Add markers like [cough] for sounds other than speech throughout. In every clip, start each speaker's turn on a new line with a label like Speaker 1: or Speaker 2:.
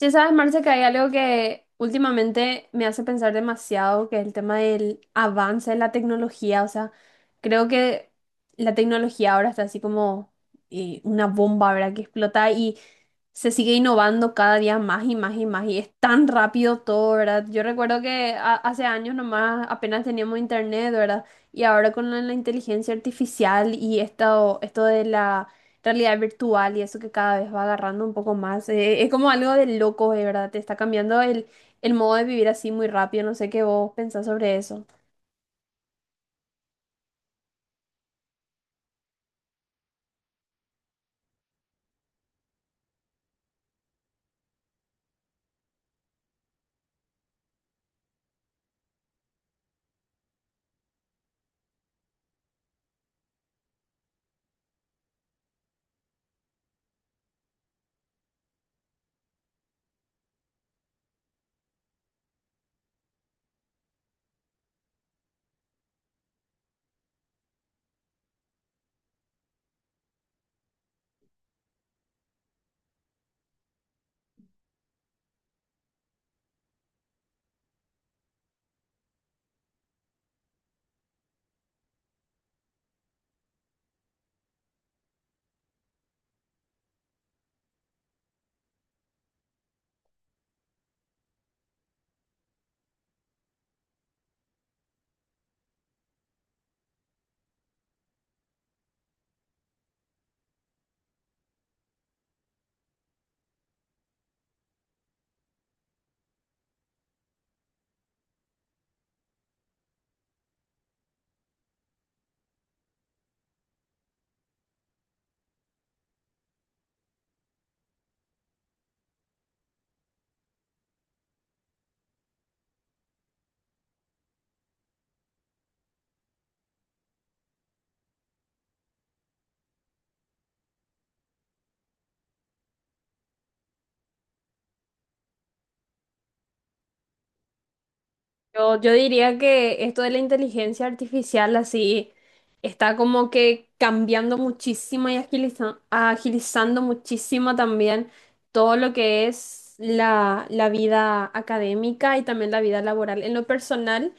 Speaker 1: Ya sabes, Marce, que hay algo que últimamente me hace pensar demasiado, que es el tema del avance de la tecnología. O sea, creo que la tecnología ahora está así como una bomba, ¿verdad? Que explota y se sigue innovando cada día más y más y más. Y es tan rápido todo, ¿verdad? Yo recuerdo que hace años nomás apenas teníamos internet, ¿verdad? Y ahora con la inteligencia artificial y esto de la realidad virtual y eso que cada vez va agarrando un poco más. Eh, es como algo de loco, de verdad. Te está cambiando el modo de vivir así muy rápido. No sé qué vos pensás sobre eso. Yo diría que esto de la inteligencia artificial así está como que cambiando muchísimo y agilizando muchísimo también todo lo que es la vida académica y también la vida laboral. En lo personal,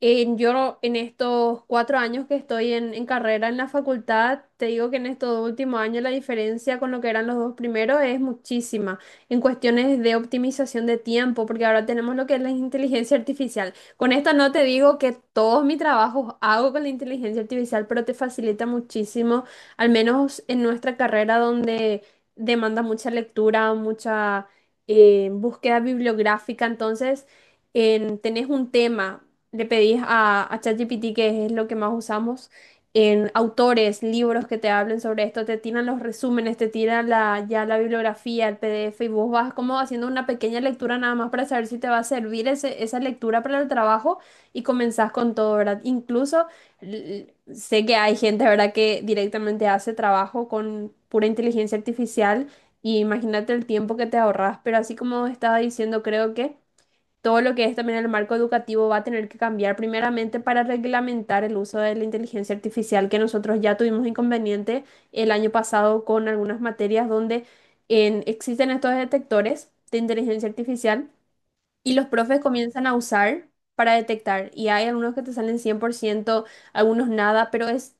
Speaker 1: En, yo no- en estos cuatro años que estoy en carrera en la facultad, te digo que en estos dos últimos años la diferencia con lo que eran los dos primeros es muchísima en cuestiones de optimización de tiempo, porque ahora tenemos lo que es la inteligencia artificial. Con esto no te digo que todos mis trabajos hago con la inteligencia artificial, pero te facilita muchísimo, al menos en nuestra carrera donde demanda mucha lectura, mucha búsqueda bibliográfica, entonces tenés un tema, le pedís a ChatGPT, que es lo que más usamos, en autores, libros que te hablen sobre esto, te tiran los resúmenes, te tiran la, ya la bibliografía, el PDF, y vos vas como haciendo una pequeña lectura nada más para saber si te va a servir esa lectura para el trabajo y comenzás con todo, ¿verdad? Incluso sé que hay gente, ¿verdad?, que directamente hace trabajo con pura inteligencia artificial. Y imagínate el tiempo que te ahorras, pero así como estaba diciendo, creo que todo lo que es también el marco educativo va a tener que cambiar primeramente para reglamentar el uso de la inteligencia artificial, que nosotros ya tuvimos inconveniente el año pasado con algunas materias donde existen estos detectores de inteligencia artificial y los profes comienzan a usar para detectar. Y hay algunos que te salen cien por ciento, algunos nada, pero es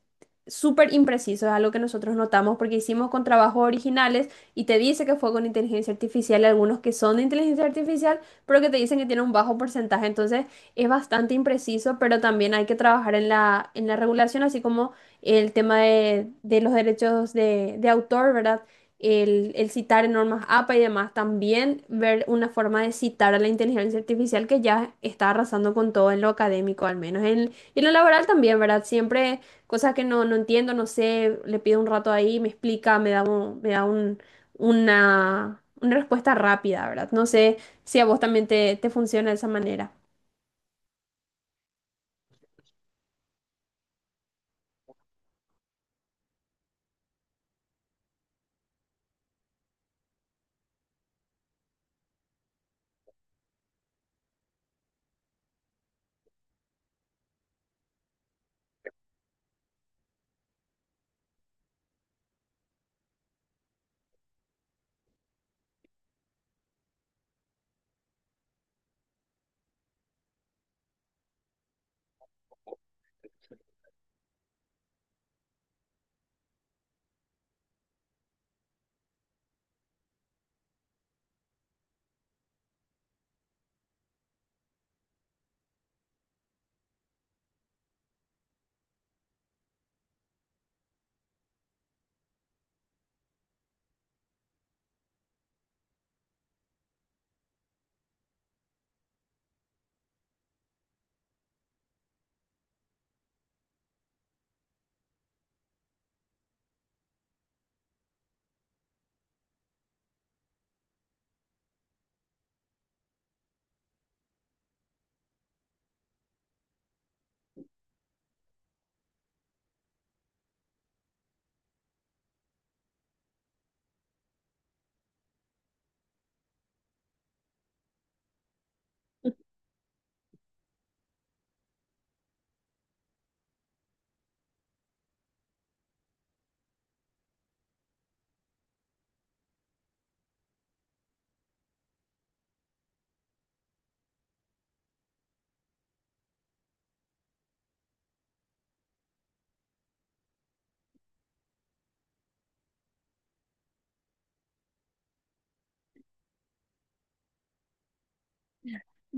Speaker 1: súper impreciso. Es algo que nosotros notamos porque hicimos con trabajos originales y te dice que fue con inteligencia artificial, y algunos que son de inteligencia artificial, pero que te dicen que tiene un bajo porcentaje. Entonces es bastante impreciso, pero también hay que trabajar en en la regulación, así como el tema de los derechos de autor, ¿verdad? El citar en normas APA y demás, también ver una forma de citar a la inteligencia artificial que ya está arrasando con todo en lo académico, al menos en, y en lo laboral también, ¿verdad? Siempre cosas que no, no entiendo, no sé, le pido un rato ahí, me explica, una respuesta rápida, ¿verdad? No sé si a vos también te funciona de esa manera.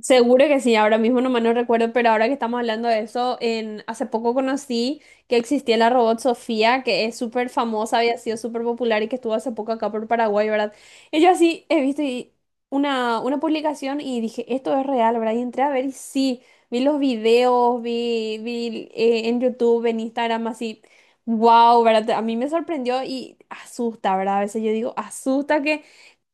Speaker 1: Seguro que sí, ahora mismo nomás no recuerdo, pero ahora que estamos hablando de eso, hace poco conocí que existía la robot Sofía, que es súper famosa, había sido súper popular y que estuvo hace poco acá por Paraguay, ¿verdad? Y yo así he visto una publicación y dije, esto es real, ¿verdad? Y entré a ver y sí, vi los videos, vi en YouTube, en Instagram, así, wow, ¿verdad? A mí me sorprendió y asusta, ¿verdad? A veces yo digo, asusta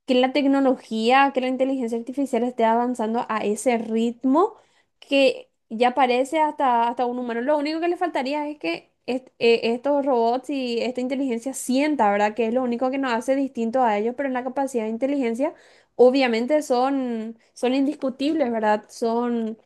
Speaker 1: que la tecnología, que la inteligencia artificial esté avanzando a ese ritmo que ya parece hasta, hasta un humano. Lo único que le faltaría es que estos robots y esta inteligencia sienta, ¿verdad? Que es lo único que nos hace distinto a ellos, pero en la capacidad de inteligencia, obviamente son, son indiscutibles, ¿verdad? Son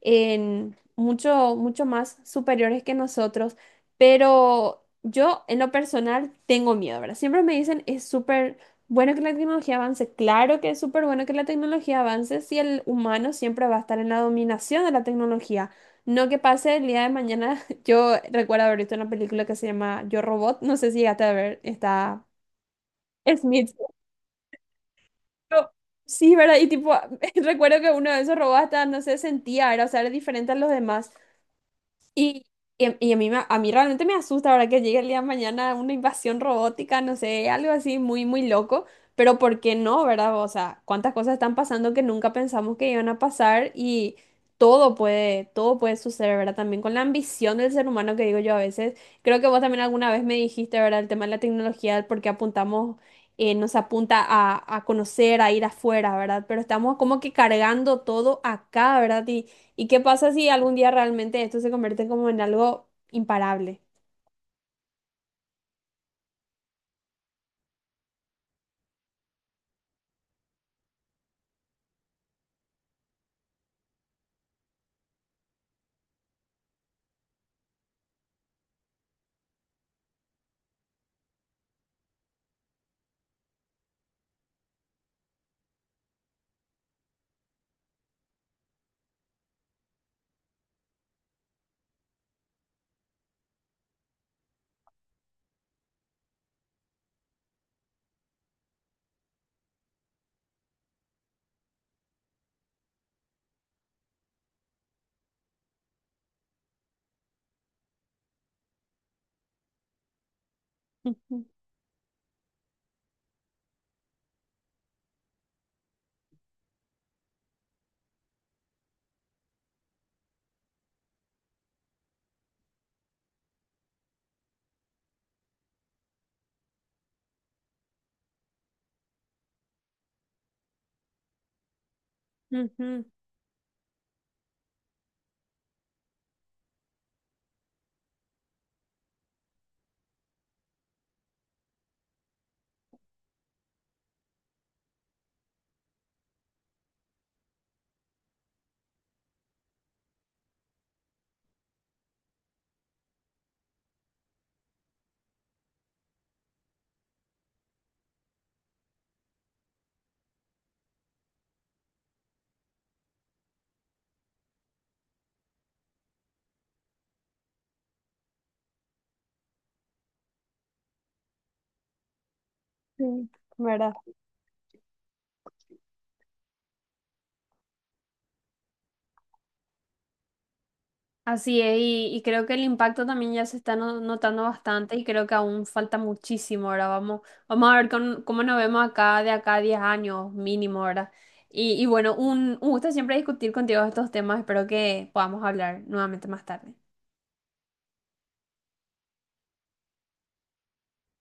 Speaker 1: en mucho, mucho más superiores que nosotros, pero... Yo, en lo personal, tengo miedo, ¿verdad? Siempre me dicen, es súper bueno que la tecnología avance, claro que es súper bueno que la tecnología avance si el humano siempre va a estar en la dominación de la tecnología. No que pase el día de mañana. [laughs] Yo recuerdo haber visto una película que se llama Yo Robot, no sé si llegaste a ver, está Smith. Yo- sí, ¿verdad? Y tipo, [laughs] recuerdo que uno de esos robots hasta, no sé, sentía, era, o sea, era diferente a los demás. Y, y a mí, a mí realmente me asusta, verdad, que llegue el día de mañana una invasión robótica, no sé, algo así muy, muy loco, pero ¿por qué no, verdad? O sea, cuántas cosas están pasando que nunca pensamos que iban a pasar y todo puede suceder, ¿verdad? También con la ambición del ser humano que digo yo a veces. Creo que vos también alguna vez me dijiste, ¿verdad? El tema de la tecnología, el por qué apuntamos, nos apunta a conocer, a ir afuera, ¿verdad? Pero estamos como que cargando todo acá, ¿verdad? Y ¿y qué pasa si algún día realmente esto se convierte como en algo imparable? Ujú, ujú. Sí, ¿verdad? Así es, y creo que el impacto también ya se está notando bastante y creo que aún falta muchísimo, ahora vamos a ver cómo nos vemos acá de acá a 10 años mínimo, ahora. Y bueno, un gusto siempre discutir contigo estos temas, espero que podamos hablar nuevamente más tarde.